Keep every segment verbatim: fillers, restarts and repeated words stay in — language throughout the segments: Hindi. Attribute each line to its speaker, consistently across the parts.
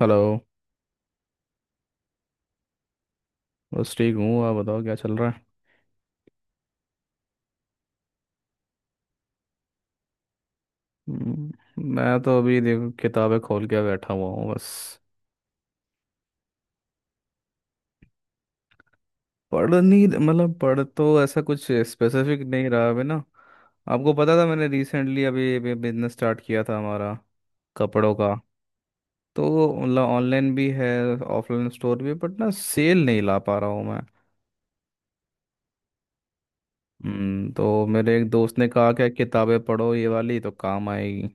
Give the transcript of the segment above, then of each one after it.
Speaker 1: हेलो। बस ठीक हूँ। आप बताओ क्या चल रहा है? हम्म, मैं तो अभी देखो किताबें खोल के बैठा हुआ हूँ बस। पढ़ नहीं, मतलब पढ़ तो ऐसा कुछ स्पेसिफिक नहीं रहा अभी ना। आपको पता था मैंने रिसेंटली अभी, अभी बिजनेस स्टार्ट किया था हमारा, कपड़ों का। तो मतलब ऑनलाइन भी है, ऑफलाइन स्टोर भी, बट ना सेल नहीं ला पा रहा हूँ मैं। हम्म तो मेरे एक दोस्त ने कहा कि किताबें पढ़ो ये वाली तो काम आएगी।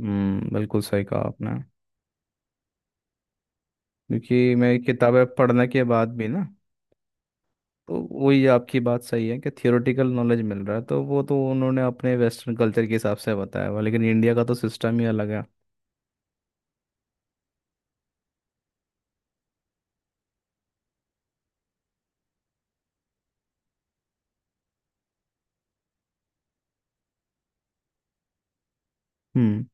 Speaker 1: हम्म बिल्कुल सही कहा आपने। क्योंकि मैं किताबें पढ़ने के बाद भी ना, तो वही आपकी बात सही है कि थियोरेटिकल नॉलेज मिल रहा है, तो वो तो उन्होंने अपने वेस्टर्न कल्चर के हिसाब से बताया हुआ, लेकिन इंडिया का तो सिस्टम ही अलग है। हम्म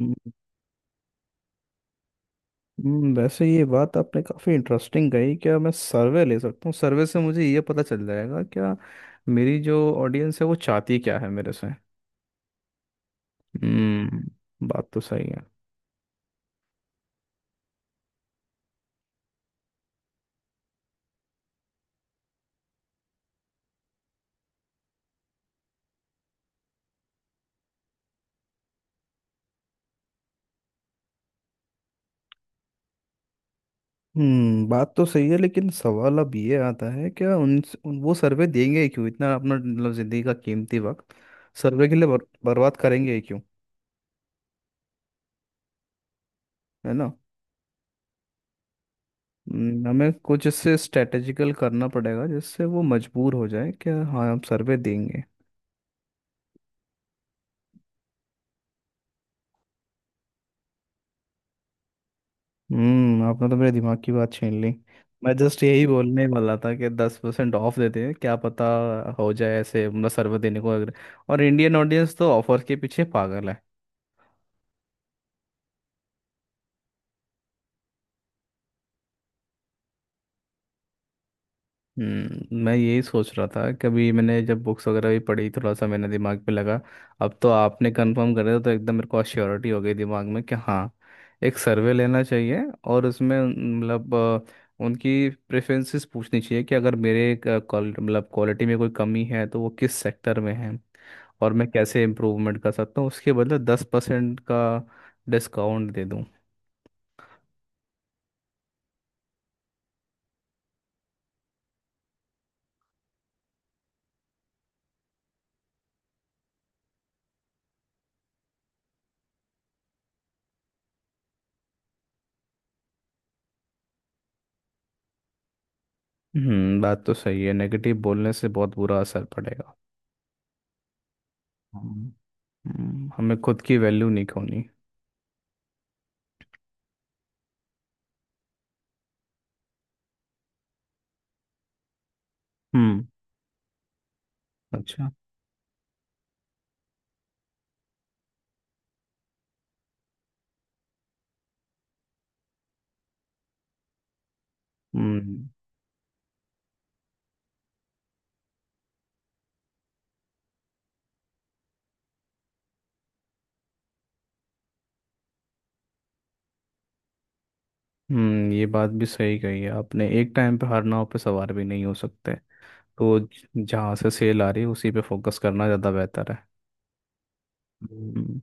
Speaker 1: हम्म, हम्म, वैसे ये बात आपने काफ़ी इंटरेस्टिंग कही। क्या मैं सर्वे ले सकता हूँ? सर्वे से मुझे ये पता चल जाएगा क्या मेरी जो ऑडियंस है वो चाहती क्या है मेरे से। हम्म बात तो सही है। हम्म बात तो सही है, लेकिन सवाल अब ये आता है क्या उन, उन वो सर्वे देंगे ही क्यों? इतना अपना मतलब जिंदगी का कीमती वक्त सर्वे के लिए बर, बर्बाद करेंगे ही क्यों? है ना। हम्म, हमें कुछ इससे स्ट्रेटेजिकल करना पड़ेगा जिससे वो मजबूर हो जाए कि हाँ हम सर्वे देंगे। हम्म आपने तो मेरे दिमाग की बात छीन ली। मैं जस्ट यही बोलने वाला था कि दस परसेंट ऑफ देते हैं क्या पता हो जाए ऐसे, मतलब सर्वे देने को अगर। और इंडियन ऑडियंस तो ऑफर के पीछे पागल है। हम्म मैं यही सोच रहा था, कभी मैंने जब बुक्स वगैरह भी पढ़ी थोड़ा सा मैंने दिमाग पे लगा, अब तो आपने कंफर्म कर दिया तो एकदम मेरे को श्योरिटी हो गई दिमाग में कि हाँ एक सर्वे लेना चाहिए। और उसमें उन- मतलब अ, उनकी प्रेफरेंसेस पूछनी चाहिए कि अगर मेरे क- क्वाल- मतलब क्वालिटी में कोई कमी है तो वो किस सेक्टर में है और मैं कैसे इम्प्रूवमेंट कर सकता हूँ उसके बदले दस परसेंट का डिस्काउंट दे दूँ। हम्म बात तो सही है, नेगेटिव बोलने से बहुत बुरा असर पड़ेगा। हम्म, हमें खुद की वैल्यू नहीं खोनी। हम्म। अच्छा। हम्म हम्म ये बात भी सही कही है आपने। एक टाइम पे हर नाव पे सवार भी नहीं हो सकते, तो ज- जहाँ से सेल आ रही है उसी पे फोकस करना ज़्यादा बेहतर है। हम्म,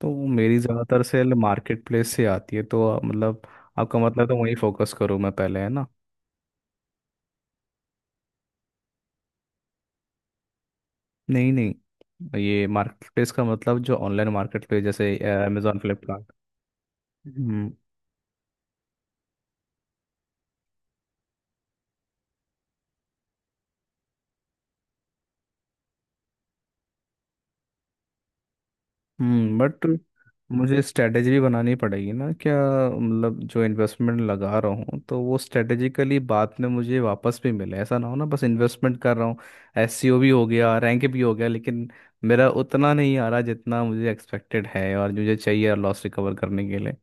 Speaker 1: तो मेरी ज़्यादातर सेल मार्केट प्लेस से आती है, तो आप- मतलब आपका मतलब तो वहीं फोकस करूँ मैं पहले, है ना। नहीं नहीं, ये मार्केट प्लेस का मतलब जो ऑनलाइन मार्केट प्लेस, जैसे अमेजोन, फ्लिपकार्ट। हम्म बट मुझे स्ट्रेटेजी भी बनानी पड़ेगी ना क्या, मतलब जो इन्वेस्टमेंट लगा रहा हूँ तो वो स्ट्रेटेजिकली बाद में मुझे वापस भी मिले, ऐसा ना हो ना बस इन्वेस्टमेंट कर रहा हूँ, एससीओ भी हो गया रैंक भी हो गया लेकिन मेरा उतना नहीं आ रहा जितना मुझे एक्सपेक्टेड है और मुझे चाहिए लॉस रिकवर करने के लिए।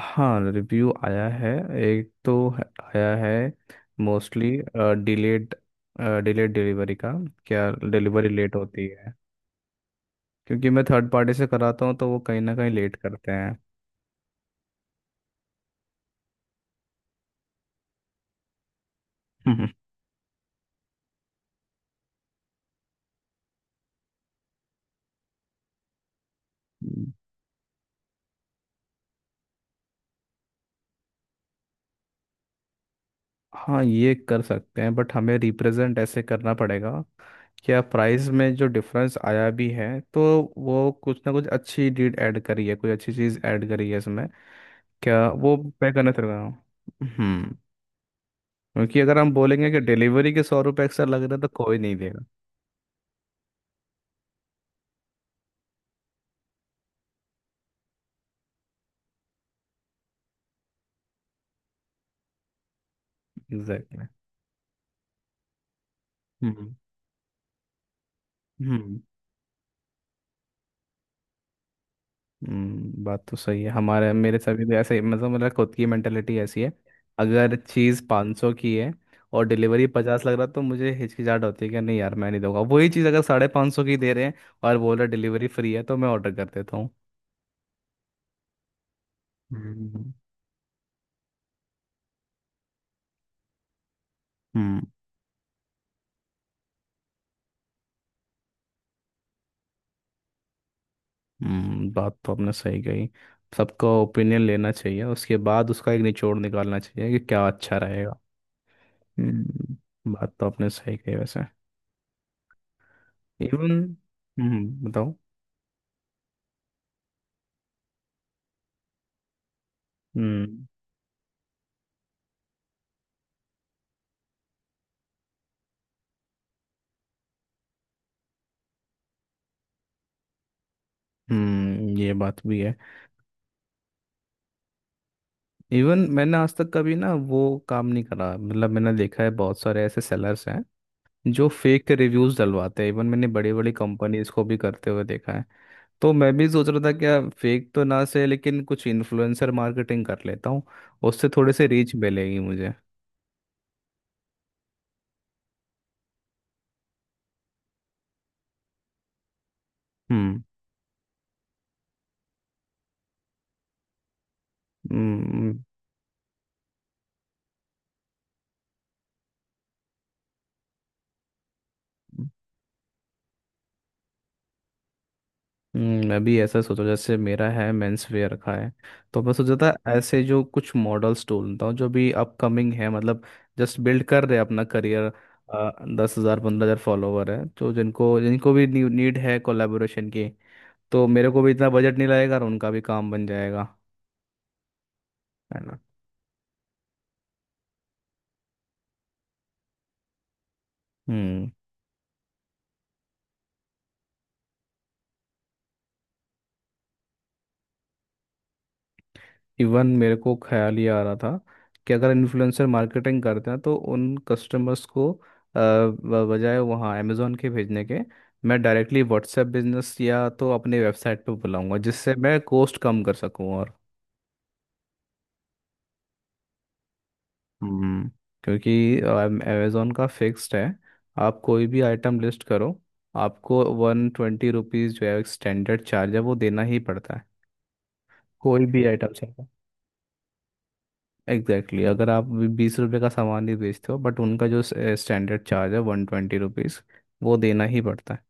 Speaker 1: हाँ, रिव्यू आया है। एक तो है- आया है, मोस्टली डिलेड डिलेड डिलीवरी का। क्या डिलीवरी लेट होती है? क्योंकि मैं थर्ड पार्टी से कराता हूँ तो वो कहीं ना कहीं लेट करते हैं। हम्म। हम्म। हाँ, ये कर सकते हैं बट हमें रिप्रेजेंट ऐसे करना पड़ेगा क्या प्राइस में जो डिफरेंस आया भी है तो वो कुछ ना कुछ अच्छी डीड ऐड करी है, कोई अच्छी चीज़ ऐड करी है इसमें, क्या वो पे करना चलेगा। हम्म क्योंकि अगर हम बोलेंगे कि डिलीवरी के सौ रुपये एक्स्ट्रा लग रहे हैं तो कोई नहीं देगा। एग्जैक्टली। हम्म हम्म हम्म, बात तो सही है, हमारे मेरे सभी भी ऐसे ही- मतलब मेरा खुद की मेंटेलिटी ऐसी है। अगर चीज़ पांच सौ की है और डिलीवरी पचास लग रहा, तो मुझे हिचकिचाहट होती है कि नहीं यार मैं नहीं दूंगा, वही चीज़ अगर साढ़े पाँच सौ की दे रहे हैं और बोल रहे डिलीवरी फ्री है तो मैं ऑर्डर कर देता हूँ। हम्म हम्म हम्म, बात तो आपने सही कही। सबका ओपिनियन लेना चाहिए, उसके बाद उसका एक निचोड़ निकालना चाहिए कि क्या अच्छा रहेगा। हम्म बात तो आपने सही कही वैसे। इवन। हम्म बताओ। हम्म हम्म ये बात भी है। इवन मैंने आज तक कभी ना वो काम नहीं करा, मतलब मैंने देखा है बहुत सारे ऐसे सेलर्स हैं जो फेक रिव्यूज डलवाते हैं, इवन मैंने बड़ी बड़ी कंपनीज को भी करते हुए देखा है। तो मैं भी सोच रहा था क्या फेक तो ना से, लेकिन कुछ इन्फ्लुएंसर मार्केटिंग कर लेता हूँ, उससे थोड़े से रीच मिलेगी मुझे। हम्म हम्म हम्म, मैं भी ऐसा सोचा, जैसे मेरा है मेंस वेयर रखा है। तो मैं सोचा था ऐसे जो कुछ मॉडल्स ढूंढता हूँ जो भी अपकमिंग है, मतलब जस्ट बिल्ड कर रहे हैं अपना करियर, दस हज़ार पंद्रह हज़ार फॉलोवर है, तो जिनको जिनको भी नीड है कोलेबोरेशन की, तो मेरे को भी इतना बजट नहीं लगेगा और उनका भी काम बन जाएगा, है ना। हम्म इवन मेरे को ख्याल ये आ रहा था कि अगर इन्फ्लुएंसर मार्केटिंग करते हैं तो उन कस्टमर्स को अ, ब- बजाय वहाँ अमेज़ोन के भेजने के मैं डायरेक्टली व्हाट्सएप बिजनेस या तो अपने वेबसाइट पे बुलाऊंगा, जिससे मैं कॉस्ट कम कर सकूँ और। हम्म क्योंकि अमेज़ोन का फिक्स्ड है, आप कोई भी आइटम लिस्ट करो आपको वन ट्वेंटी रुपीज़ जो है स्टैंडर्ड चार्ज है वो देना ही पड़ता है, कोई भी आइटम। Exactly, exactly। अगर आप बीस रुपए का सामान ही बेचते हो बट उनका जो स्टैंडर्ड चार्ज है वन ट्वेंटी रुपीज़ वो देना ही पड़ता है।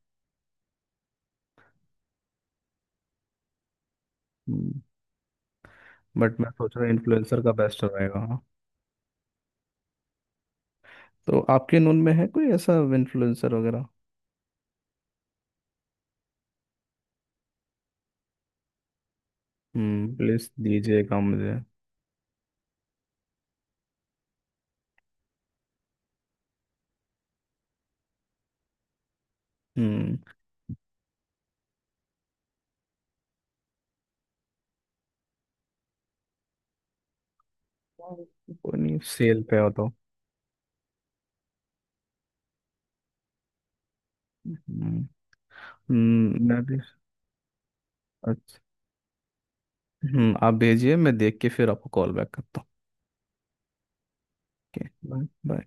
Speaker 1: बट मैं सोच रहा हूँ इन्फ्लुएंसर का बेस्ट रहेगा, हाँ। तो आपके नून में है कोई ऐसा इन्फ्लुएंसर वगैरह? हम्म प्लीज दीजिएगा मुझे। हम्म कोई नहीं, सेल पे हो तो। हम्म हम्म, मैं भी। अच्छा। हम्म आप भेजिए, मैं देख के फिर आपको कॉल बैक करता हूँ। ओके। Bye bye.